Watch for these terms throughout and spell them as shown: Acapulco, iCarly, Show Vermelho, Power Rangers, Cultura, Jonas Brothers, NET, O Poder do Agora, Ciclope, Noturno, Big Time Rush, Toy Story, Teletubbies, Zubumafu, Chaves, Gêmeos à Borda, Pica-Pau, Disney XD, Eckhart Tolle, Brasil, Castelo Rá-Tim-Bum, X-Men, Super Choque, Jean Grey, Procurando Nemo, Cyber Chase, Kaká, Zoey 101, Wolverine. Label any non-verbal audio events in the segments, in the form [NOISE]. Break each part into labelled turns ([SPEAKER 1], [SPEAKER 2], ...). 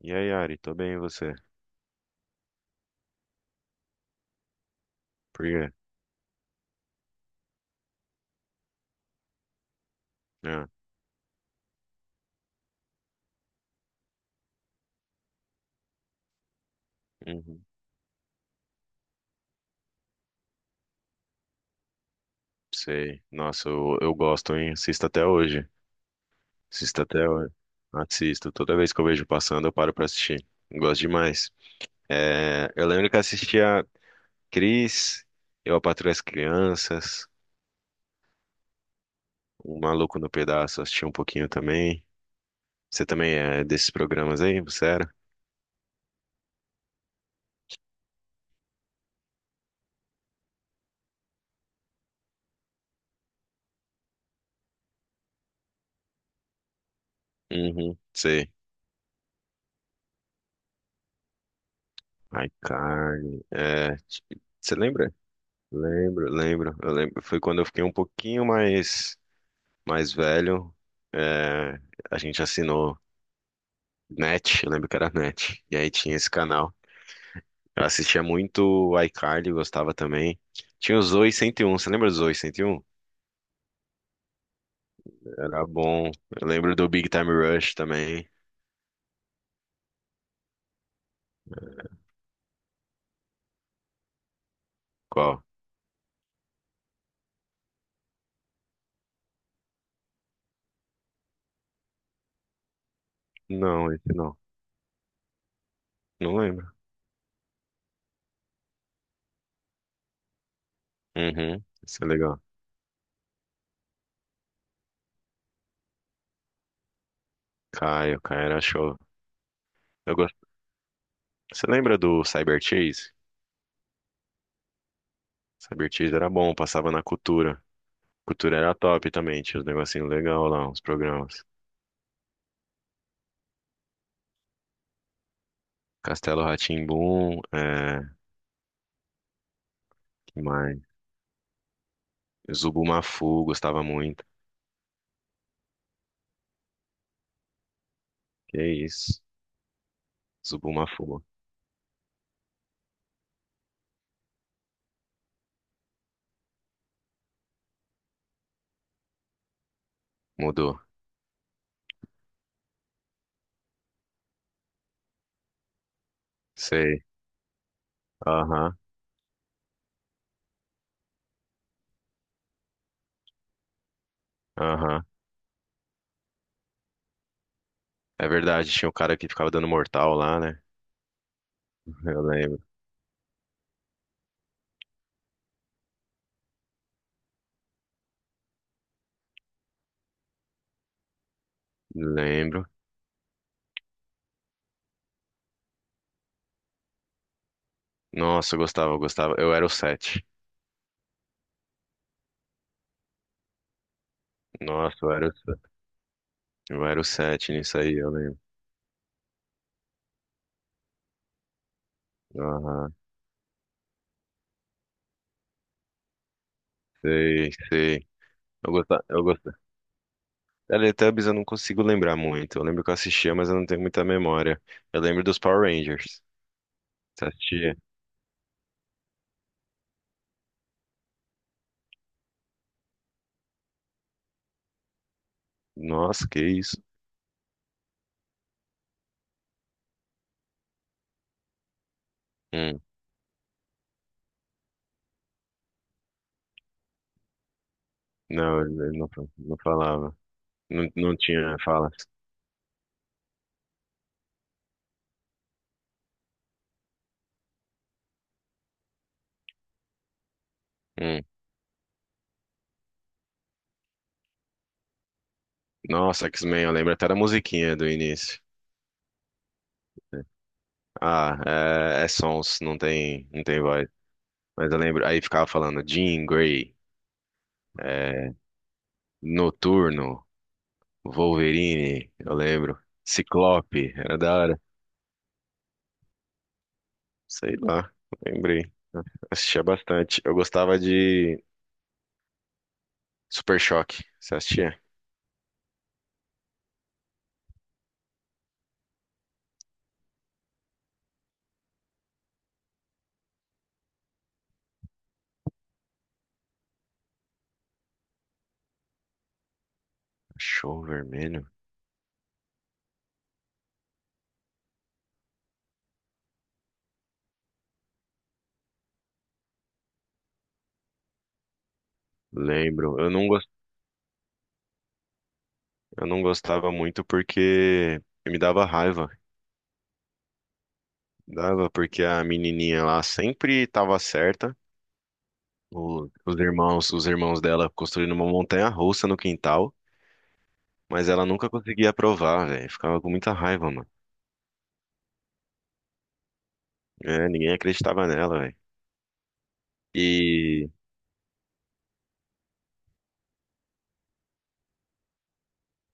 [SPEAKER 1] E aí, Ari, tô bem, e você? Por quê? Ah, uhum, sei. Nossa, eu gosto, hein? Assisto até hoje. Assisto até hoje. Assisto. Toda vez que eu vejo passando, eu paro pra assistir. Gosto demais. É, eu lembro que assistia Cris, Eu, a Patroa e as Crianças, O Maluco no Pedaço, assisti um pouquinho também. Você também é desses programas aí? Você era? Uhum, sei. iCarly. É, você lembra? Lembro, lembro. Eu lembro. Foi quando eu fiquei um pouquinho mais. Mais velho, é, a gente assinou Net, eu lembro que era Net, e aí tinha esse canal. Eu assistia muito iCarly, gostava também. Tinha o Zoey 101, você lembra do Zoey 101? Era bom. Eu lembro do Big Time Rush também. Qual? Não, esse não. Não lembro. Uhum, isso é legal. Caio, Caio era show. Eu gosto. Você lembra do Cyber Chase? Cyber Chase era bom, passava na Cultura. Cultura era top também, tinha os negocinhos legal lá, uns programas. Castelo rá tim, é, que mais? Zubumafu, gostava muito. Que isso? Zubumafu. Mudou. Sei. Aham, aham. É verdade, tinha o cara que ficava dando mortal lá, né? Eu lembro. Lembro. Nossa, eu gostava. Eu era o sete. Nossa, eu era o eu era o 7 nisso aí, eu lembro. Aham. Sei, sei. Eu gostava. Teletubbies eu não consigo lembrar muito. Eu lembro que eu assistia, mas eu não tenho muita memória. Eu lembro dos Power Rangers. Você assistia? Nossa, que isso? Hum. Não, ele não, não falava. Não, não tinha falas. Hum. Nossa, X-Men, eu lembro até da musiquinha do início. Ah, é, é sons, não tem, não tem voz. Mas eu lembro, aí ficava falando Jean Grey, é, Noturno, Wolverine, eu lembro. Ciclope, era da hora. Sei lá, lembrei. Assistia bastante. Eu gostava de Super Choque. Você assistia? Show Vermelho? Lembro. Eu não gostava muito porque me dava raiva. Dava porque a menininha lá sempre estava certa. Os irmãos dela construindo uma montanha-russa no quintal, mas ela nunca conseguia aprovar, velho. Ficava com muita raiva, mano. É, ninguém acreditava nela, velho. E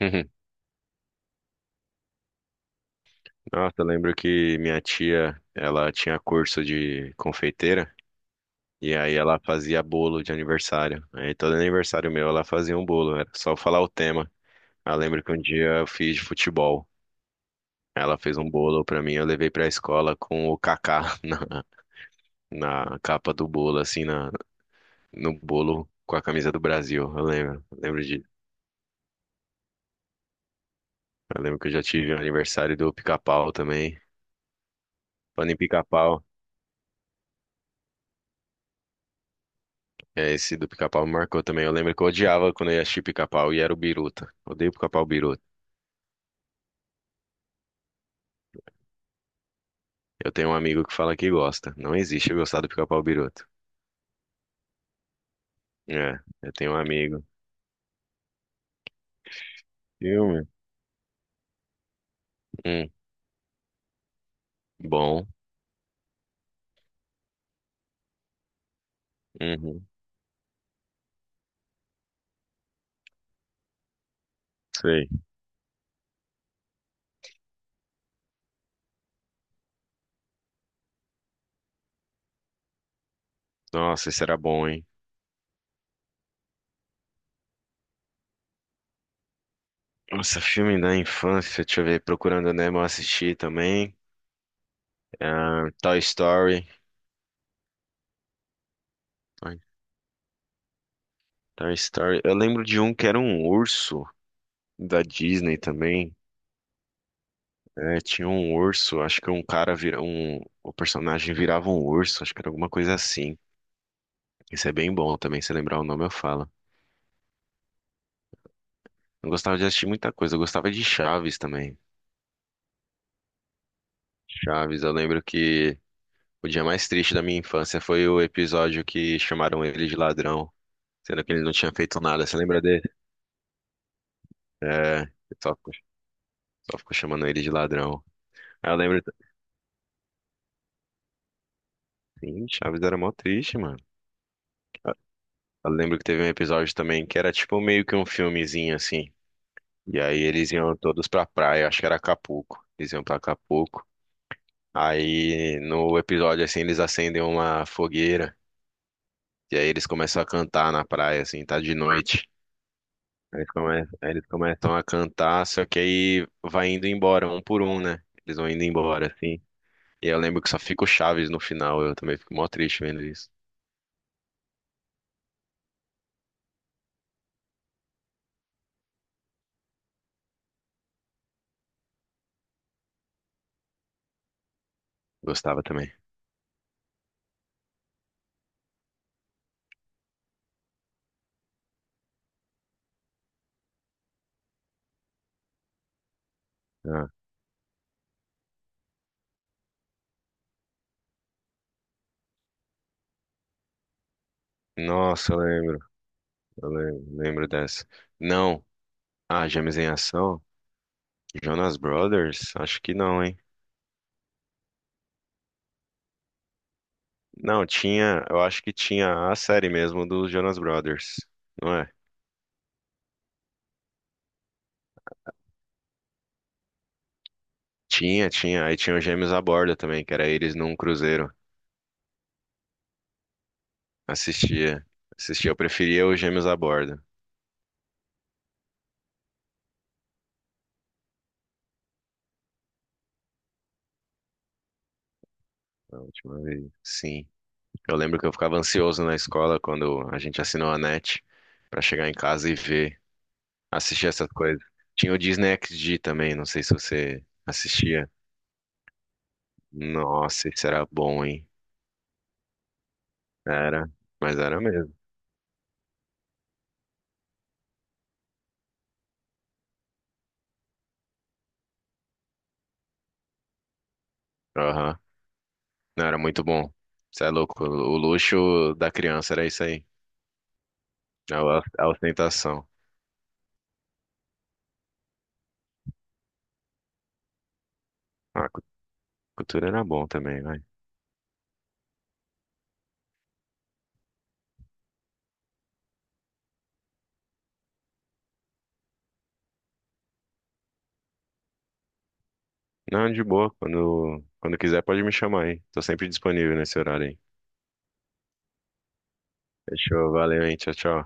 [SPEAKER 1] [LAUGHS] nossa, eu lembro que minha tia, ela tinha curso de confeiteira e aí ela fazia bolo de aniversário. Aí todo aniversário meu ela fazia um bolo, era só falar o tema. Eu lembro que um dia eu fiz de futebol. Ela fez um bolo pra mim, eu levei pra escola com o Kaká [LAUGHS] na, na capa do bolo, assim, na, no bolo com a camisa do Brasil. Eu lembro de, eu lembro que eu já tive um aniversário do Pica-Pau também. Falando em Pica-Pau, é, esse do Pica-Pau me marcou também. Eu lembro que eu odiava quando eu ia assistir Pica-Pau e era o Biruta. Odeio Pica-Pau Biruta. Eu tenho um amigo que fala que gosta. Não existe eu gostar do Pica-Pau Biruta. É, eu tenho um amigo. Filme? Hum, bom. Uhum, sei. Nossa, isso era bom, hein? Nossa, filme da infância, deixa eu ver, Procurando Nemo eu assisti também. Ah, Toy Story. Toy Toy Story. Eu lembro de um que era um urso da Disney também. É, tinha um urso, acho que um cara vira um, o personagem virava um urso, acho que era alguma coisa assim. Isso é bem bom também, se lembrar o nome eu falo. Eu gostava de assistir muita coisa, eu gostava de Chaves também. Chaves, eu lembro que o dia mais triste da minha infância foi o episódio que chamaram ele de ladrão. Sendo que ele não tinha feito nada, você lembra dele? É, eu só ficou chamando ele de ladrão. Aí eu lembro. Sim, Chaves era mó triste, mano. Eu lembro que teve um episódio também que era tipo meio que um filmezinho assim. E aí eles iam todos pra praia, acho que era Acapulco. Eles iam pra Acapulco. Aí no episódio assim eles acendem uma fogueira. E aí eles começam a cantar na praia, assim, tá de noite. Aí eles começam a cantar, só que aí vai indo embora, um por um, né? Eles vão indo embora, assim. E eu lembro que só fica o Chaves no final. Eu também fico mó triste vendo isso. Gostava também. Ah, nossa, eu lembro. Eu lembro dessa. Não. Ah, Gêmeos em Ação? Jonas Brothers? Acho que não, hein? Não, tinha. Eu acho que tinha a série mesmo dos Jonas Brothers. Não é? Tinha, tinha. Aí tinha os Gêmeos à Borda também, que era eles num cruzeiro. Assistia. Assistia. Eu preferia os Gêmeos à Borda. A última vez. Sim. Eu lembro que eu ficava ansioso na escola quando a gente assinou a NET pra chegar em casa e ver, assistir essas coisas. Tinha o Disney XD também, não sei se você assistia. Nossa, isso era bom, hein? Era, mas era mesmo. Aham. Não, era muito bom. Você é louco. O luxo da criança era isso aí. A a ostentação. Ah, cultura era bom também, vai. Não, de boa. Quando quiser, pode me chamar aí. Tô sempre disponível nesse horário aí. Fechou, valeu, hein? Tchau, tchau.